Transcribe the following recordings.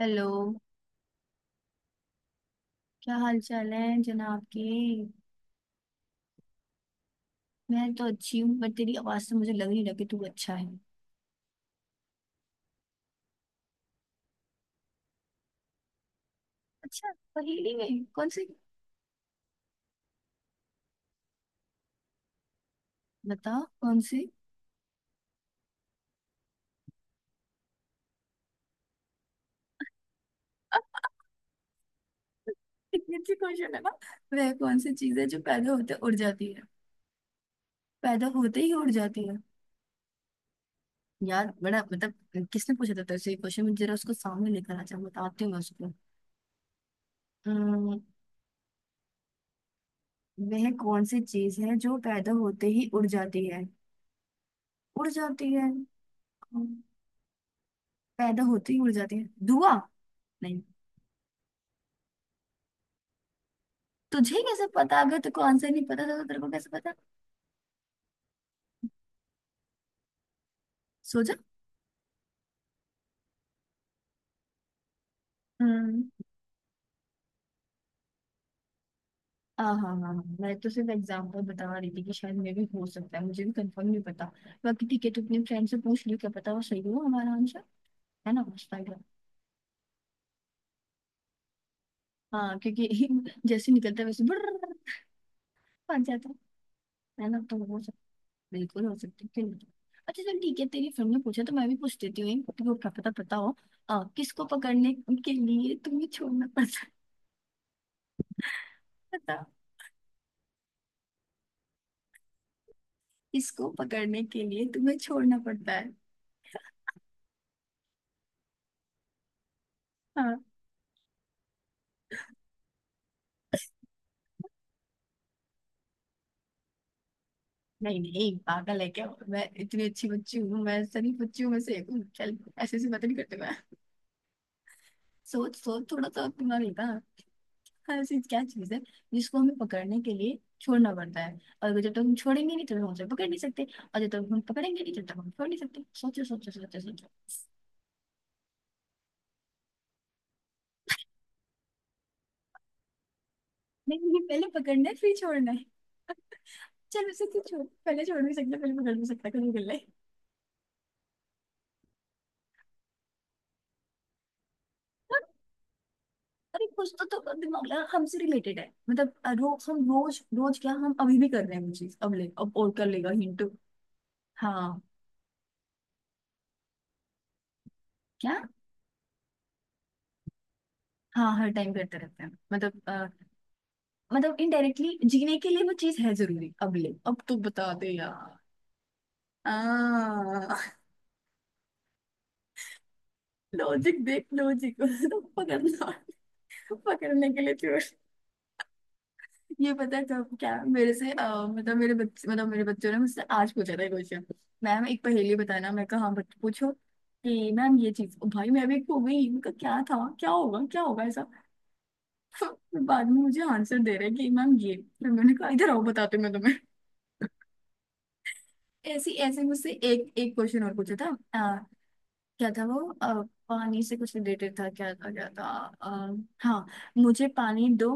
Hello. क्या हाल चाल है जनाब के। मैं तो अच्छी हूँ पर तेरी आवाज से मुझे लग नहीं रहा कि तू अच्छा है। अच्छा। पहेली में कौन सी? बता कौन सी? इतनी अच्छी क्वेश्चन है ना। वह कौन सी चीज है जो पैदा होते उड़ जाती है? पैदा होते ही उड़ जाती है? यार बड़ा मतलब किसने पूछा था तेरे से ये क्वेश्चन, मुझे जरा उसको सामने लेकर आ जा, बताती हूँ मैं उसको। अम्म, वह कौन सी चीज है जो पैदा होते ही उड़ जाती है, उड़ जाती है? अम्म, पैदा होते ही उड़ जाती है, धुआं? नहीं। तुझे कैसे पता? अगर तेरे को आंसर नहीं पता था तो तेरे को कैसे पता? सोचा। हम्म। हाँ हाँ हाँ हाँ, मैं तो सिर्फ एग्जाम्पल बता रही थी कि शायद मे भी हो सकता है, मुझे भी कंफर्म नहीं पता। बाकी ठीक है तो अपने फ्रेंड से पूछ लियो, क्या पता वो सही हो हमारा आंसर। है ना, उस टाइप का। हाँ क्योंकि जैसे निकलता है वैसे बर्र बच जाता है। है ना तो हो सकता। बिल्कुल हो सकता है, क्यों नहीं। अच्छा चल ठीक है, तेरी फ्रेंड ने पूछा तो मैं भी पूछ देती हूँ तुमको, क्या पता पता हो। किसको पकड़ने के लिए तुम्हें छोड़ना पड़ता है? इसको पकड़ने के लिए तुम्हें छोड़ना पड़ता है। हाँ। नहीं नहीं पागल है क्या, मैं इतनी अच्छी बच्ची हूँ, मैं सभी बच्चियों में से एक हूँ, चल ऐसे ऐसी बातें नहीं करते मैं। सोच सोच थोड़ा सा तुम्हारा लेता हाँ। हाँ, ऐसी क्या चीज है जिसको हमें पकड़ने के लिए छोड़ना पड़ता है, और जब तक हम छोड़ेंगे नहीं तब तक हम उसे पकड़ नहीं सकते, और जब तक हम पकड़ेंगे नहीं तब तक हम छोड़ नहीं सकते। सोचो सोचो सोचो सोचो। नहीं नहीं पहले पकड़ना है फिर छोड़ना है। चल उसे तू छोड़, पहले छोड़ भी सकता पहले पकड़ भी सकता, कभी कर ले। अरे कुछ तो, दिमाग लगा, हमसे रिलेटेड है मतलब। रोज हम रोज रोज क्या हम अभी भी कर रहे हैं वो चीज, अब ले, अब और कर लेगा हिंट। हाँ। क्या? हाँ हर टाइम करते रहते हैं मतलब मतलब इनडायरेक्टली जीने के लिए वो चीज है जरूरी। अब ले अब तो बता दे यार। आ लॉजिक देख लॉजिक। पकड़ना पकड़ने के लिए थी। ये पता है तब, क्या मेरे से मतलब मेरे बच्चे मतलब मेरे बच्चों ने मुझसे आज पूछा था क्वेश्चन। मैम एक पहेली बताना, मैं कहा हाँ बट पूछो। कि मैम ये चीज, भाई मैं भी खो गई, उनका क्या था, क्या होगा ऐसा। फिर बाद में मुझे आंसर दे रहे कि मैम ये। फिर मैंने कहा इधर आओ बताते मैं तुम्हें। ऐसी ऐसे मुझसे एक एक क्वेश्चन और पूछा था। क्या था वो पानी से कुछ रिलेटेड था, क्या था क्या था हाँ। मुझे पानी दो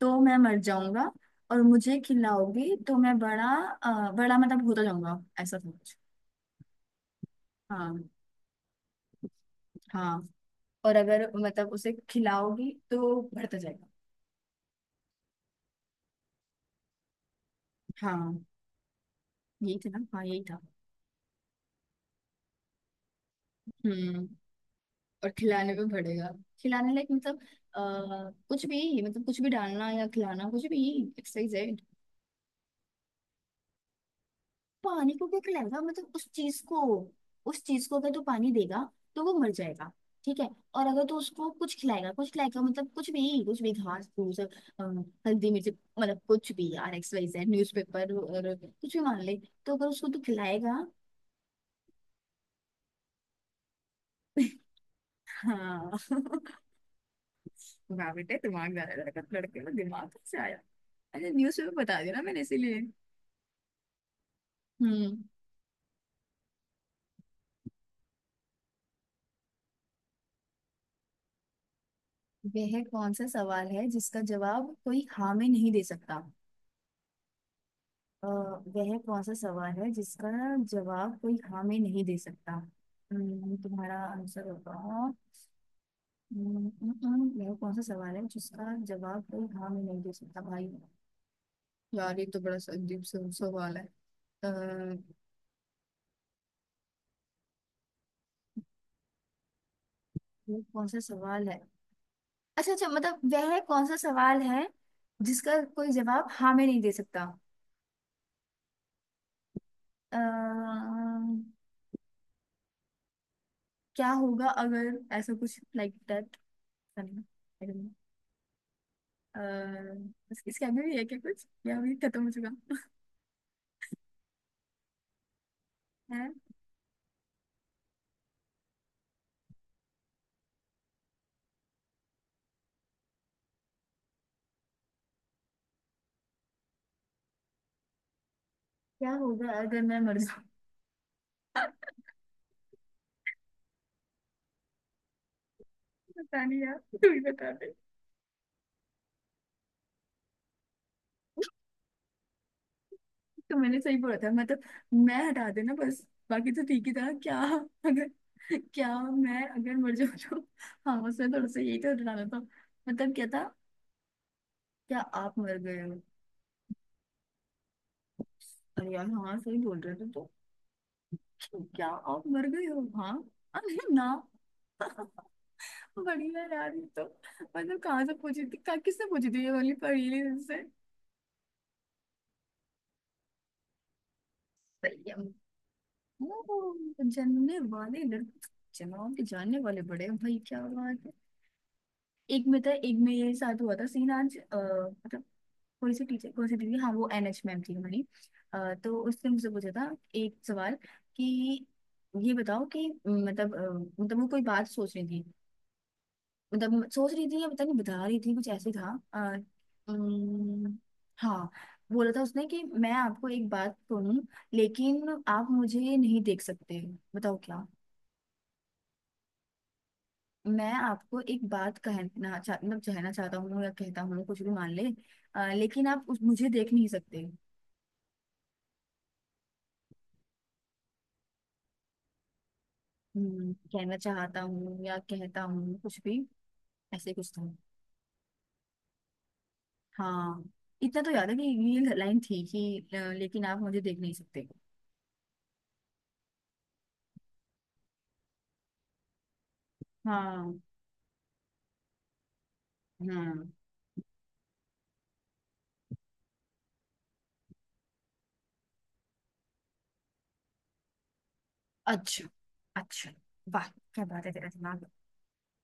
तो मैं मर जाऊंगा, और मुझे खिलाओगी तो मैं बड़ा बड़ा मतलब होता जाऊंगा, ऐसा था कुछ। हाँ। हाँ, और अगर मतलब उसे खिलाओगी तो बढ़ता जाएगा। हाँ यही था ना, हाँ यही था। हम्म। और खिलाने पे बढ़ेगा। खिलाने लाइक मतलब कुछ भी, मतलब कुछ भी डालना या खिलाना, कुछ भी एक्सरसाइज है। पानी को क्या खिलाएगा, मतलब उस चीज को। उस चीज को अगर तू पानी देगा तो वो मर जाएगा, ठीक है। और अगर तू उसको कुछ खिलाएगा, कुछ खिलाएगा मतलब कुछ भी, कुछ भी घास फूस हल्दी मिर्च, मतलब कुछ भी यार, X Y Z newspaper और कुछ भी मान ले। तो अगर उसको तू खिलाएगा। हाँ। वाह बेटे, दिमाग ज्यादा लड़का, लड़के को दिमाग कैसे आया। अच्छा न्यूज पेपर बता दिया ना मैंने इसीलिए। हम्म। वह कौन सा सवाल है जिसका जवाब कोई हाँ में नहीं दे सकता? वह कौन सा सवाल है जिसका जवाब कोई हाँ में नहीं दे सकता? तुम्हारा आंसर होगा वह कौन सा सवाल है जिसका जवाब कोई हाँ में नहीं दे सकता भाई? यार ये तो बड़ा सा अजीब सा सवाल है। अ, वह कौन सा सवाल है। अच्छा अच्छा मतलब वह कौन सा सवाल है जिसका कोई जवाब हाँ में नहीं दे सकता। अ, क्या होगा अगर, ऐसा कुछ लाइक दैट। अ, इसके आगे भी है क्या कुछ या अभी खत्म हो चुका है? क्या होगा अगर मैं मर जाऊँ? पता नहीं यार, तू ही बता दे। तो मैंने सही बोला था मतलब, मैं हटा देना बस, बाकी तो ठीक ही था क्या। अगर, क्या मैं अगर मर जाऊँ तो, हाँ उसमें थोड़ा सा यही तो हटाना था। मतलब क्या था? क्या आप मर गए हो? अरे यार हाँ सही बोल रहे थे तो, क्या आप मर गए हो हाँ। अरे ना। बढ़िया यार ये तो। मतलब कहाँ से पूछी थी, कहाँ किससे पूछी थी ये वाली पहेली, से? ओ, जानने वाले लड़के। जनाब के जानने वाले बड़े हैं भाई, क्या बात है। एक में था, एक में ये साथ हुआ था सीन आज मतलब कोई सी टीचर कोई सी दीदी, हाँ वो एन एच मैम थी हमारी। तो उसने मुझसे पूछा था एक सवाल कि ये बताओ कि मतलब मतलब वो कोई बात सोच रही थी, मतलब सोच रही थी या पता नहीं बता रही थी, कुछ ऐसे था। आ, हाँ, बोला था उसने कि मैं आपको एक बात कहूँ लेकिन आप मुझे नहीं देख सकते। बताओ क्या? मैं आपको एक बात कहना चाह, मतलब कहना चाहता हूँ या कहता हूँ, कुछ भी मान ले। लेकिन आप मुझे देख नहीं सकते। कहना चाहता हूँ या कहता हूँ, कुछ भी। ऐसे कुछ था। हाँ, इतना तो याद है कि ये लाइन थी कि लेकिन आप मुझे देख नहीं सकते। हाँ। हाँ। अच्छा। अच्छा। वाह, क्या बात है तेरा दिमाग।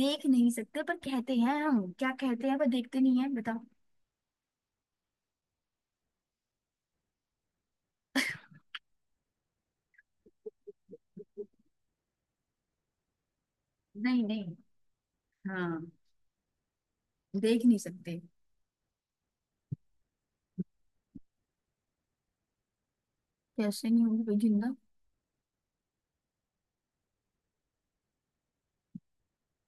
देख नहीं सकते पर कहते हैं, हम क्या कहते हैं पर देखते नहीं है? बताओ। नहीं नहीं। हाँ। देख नहीं सकते। कैसे नहीं होंगे, कोई जिंदा?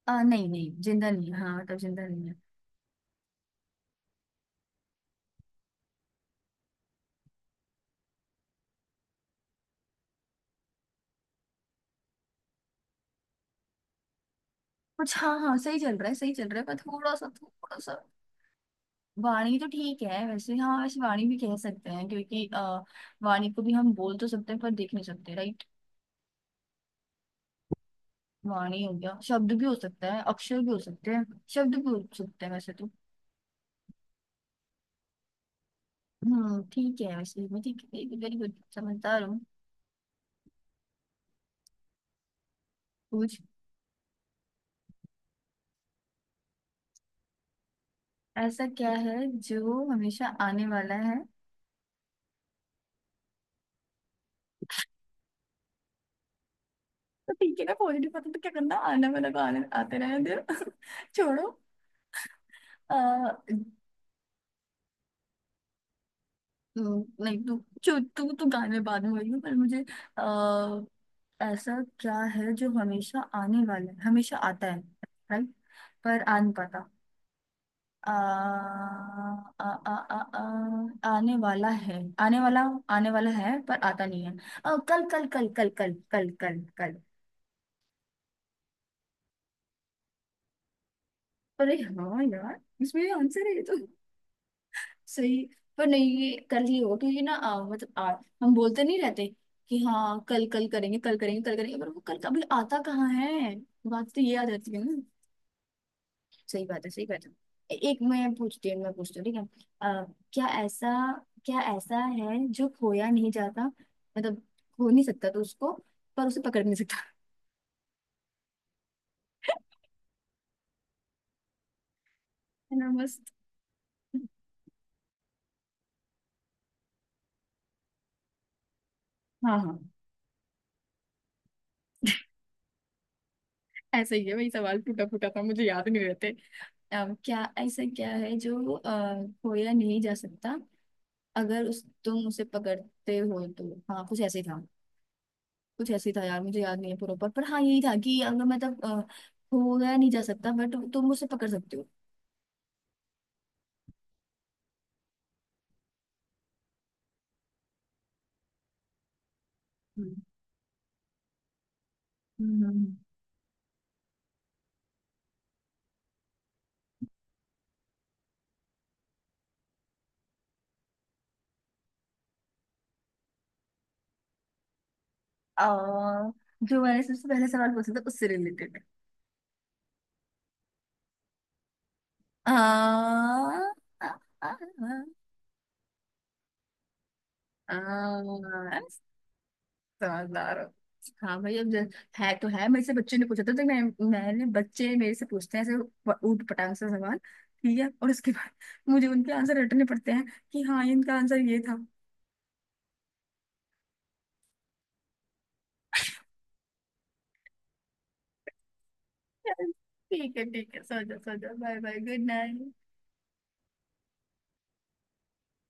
नहीं नहीं जिंदा नहीं है, हाँ मतलब जिंदा नहीं है। कुछ, हाँ हाँ सही चल रहा है सही चल रहा है, पर थोड़ा सा थोड़ा सा। वाणी तो ठीक है वैसे, हाँ वैसे वाणी भी कह सकते हैं क्योंकि वाणी को भी हम बोल तो सकते हैं पर देख नहीं सकते, राइट। वाणी हो गया, शब्द भी हो सकता है, अक्षर भी हो सकते हैं, शब्द भी हो सकते हैं वैसे तो। ठीक है वैसे, मैं ठीक है वेरी गुड समझदार हूँ। पूछ। ऐसा क्या है जो हमेशा आने वाला है? तो ठीक है ना पॉजिटिव, पता तो क्या करना, आने वाला को आने आते रहने दो। छोड़ो। तो नहीं तो। जो तू तो गाने बाद में बोलेगी, पर मुझे आ, ऐसा क्या है जो हमेशा आने वाला है, हमेशा आता है, राइट, पर आ नहीं पाता। आ, आ, आ, आ, आ, आने वाला है, आने वाला, आने वाला है पर आता नहीं है। कल कल कल कल कल कल कल कल। अरे हाँ यार, इसमें आंसर है ये तो। सही। पर नहीं ये कल ही होगा क्योंकि ना मतलब हम बोलते नहीं रहते कि हाँ कल कल करेंगे कल करेंगे कल करेंगे, पर वो कल कभी आता कहाँ है, बात तो ये याद रहती है ना। सही बात है, सही बात है। एक मैं पूछती हूँ, मैं पूछती हूँ ठीक है। क्या ऐसा, क्या ऐसा है जो खोया नहीं जाता, मतलब खो नहीं सकता तो उसको, पर उसे पकड़ नहीं सकता? है ना मस्त। हाँ हाँ। ऐसा ही है, वही सवाल टूटा फूटा था मुझे याद नहीं रहते। क्या ऐसा क्या है जो खोया नहीं जा सकता अगर उस तुम उसे पकड़ते हो तो, हाँ कुछ ऐसे ही था। कुछ ऐसे ही था यार, मुझे याद नहीं है प्रॉपर, पर हाँ यही था कि अगर मतलब खोया नहीं जा सकता बट तुम उसे पकड़ सकते हो। हम्म। हम्म। हम्म। आ, जो मैंने सबसे पहले सवाल पूछा था उससे रिलेटेड। आ, आ, आ, आ, आ, समझदार हो। हाँ भाई अब है तो है, मेरे से बच्चे ने पूछा था तो मैं, मैंने बच्चे मेरे से पूछते हैं ऐसे ऊट पटांग से सवाल ठीक है, और उसके बाद मुझे उनके आंसर रटने पड़ते हैं कि हाँ इनका आंसर ये था। ठीक है ठीक है, सो जाओ सो जाओ, बाय बाय गुड नाइट।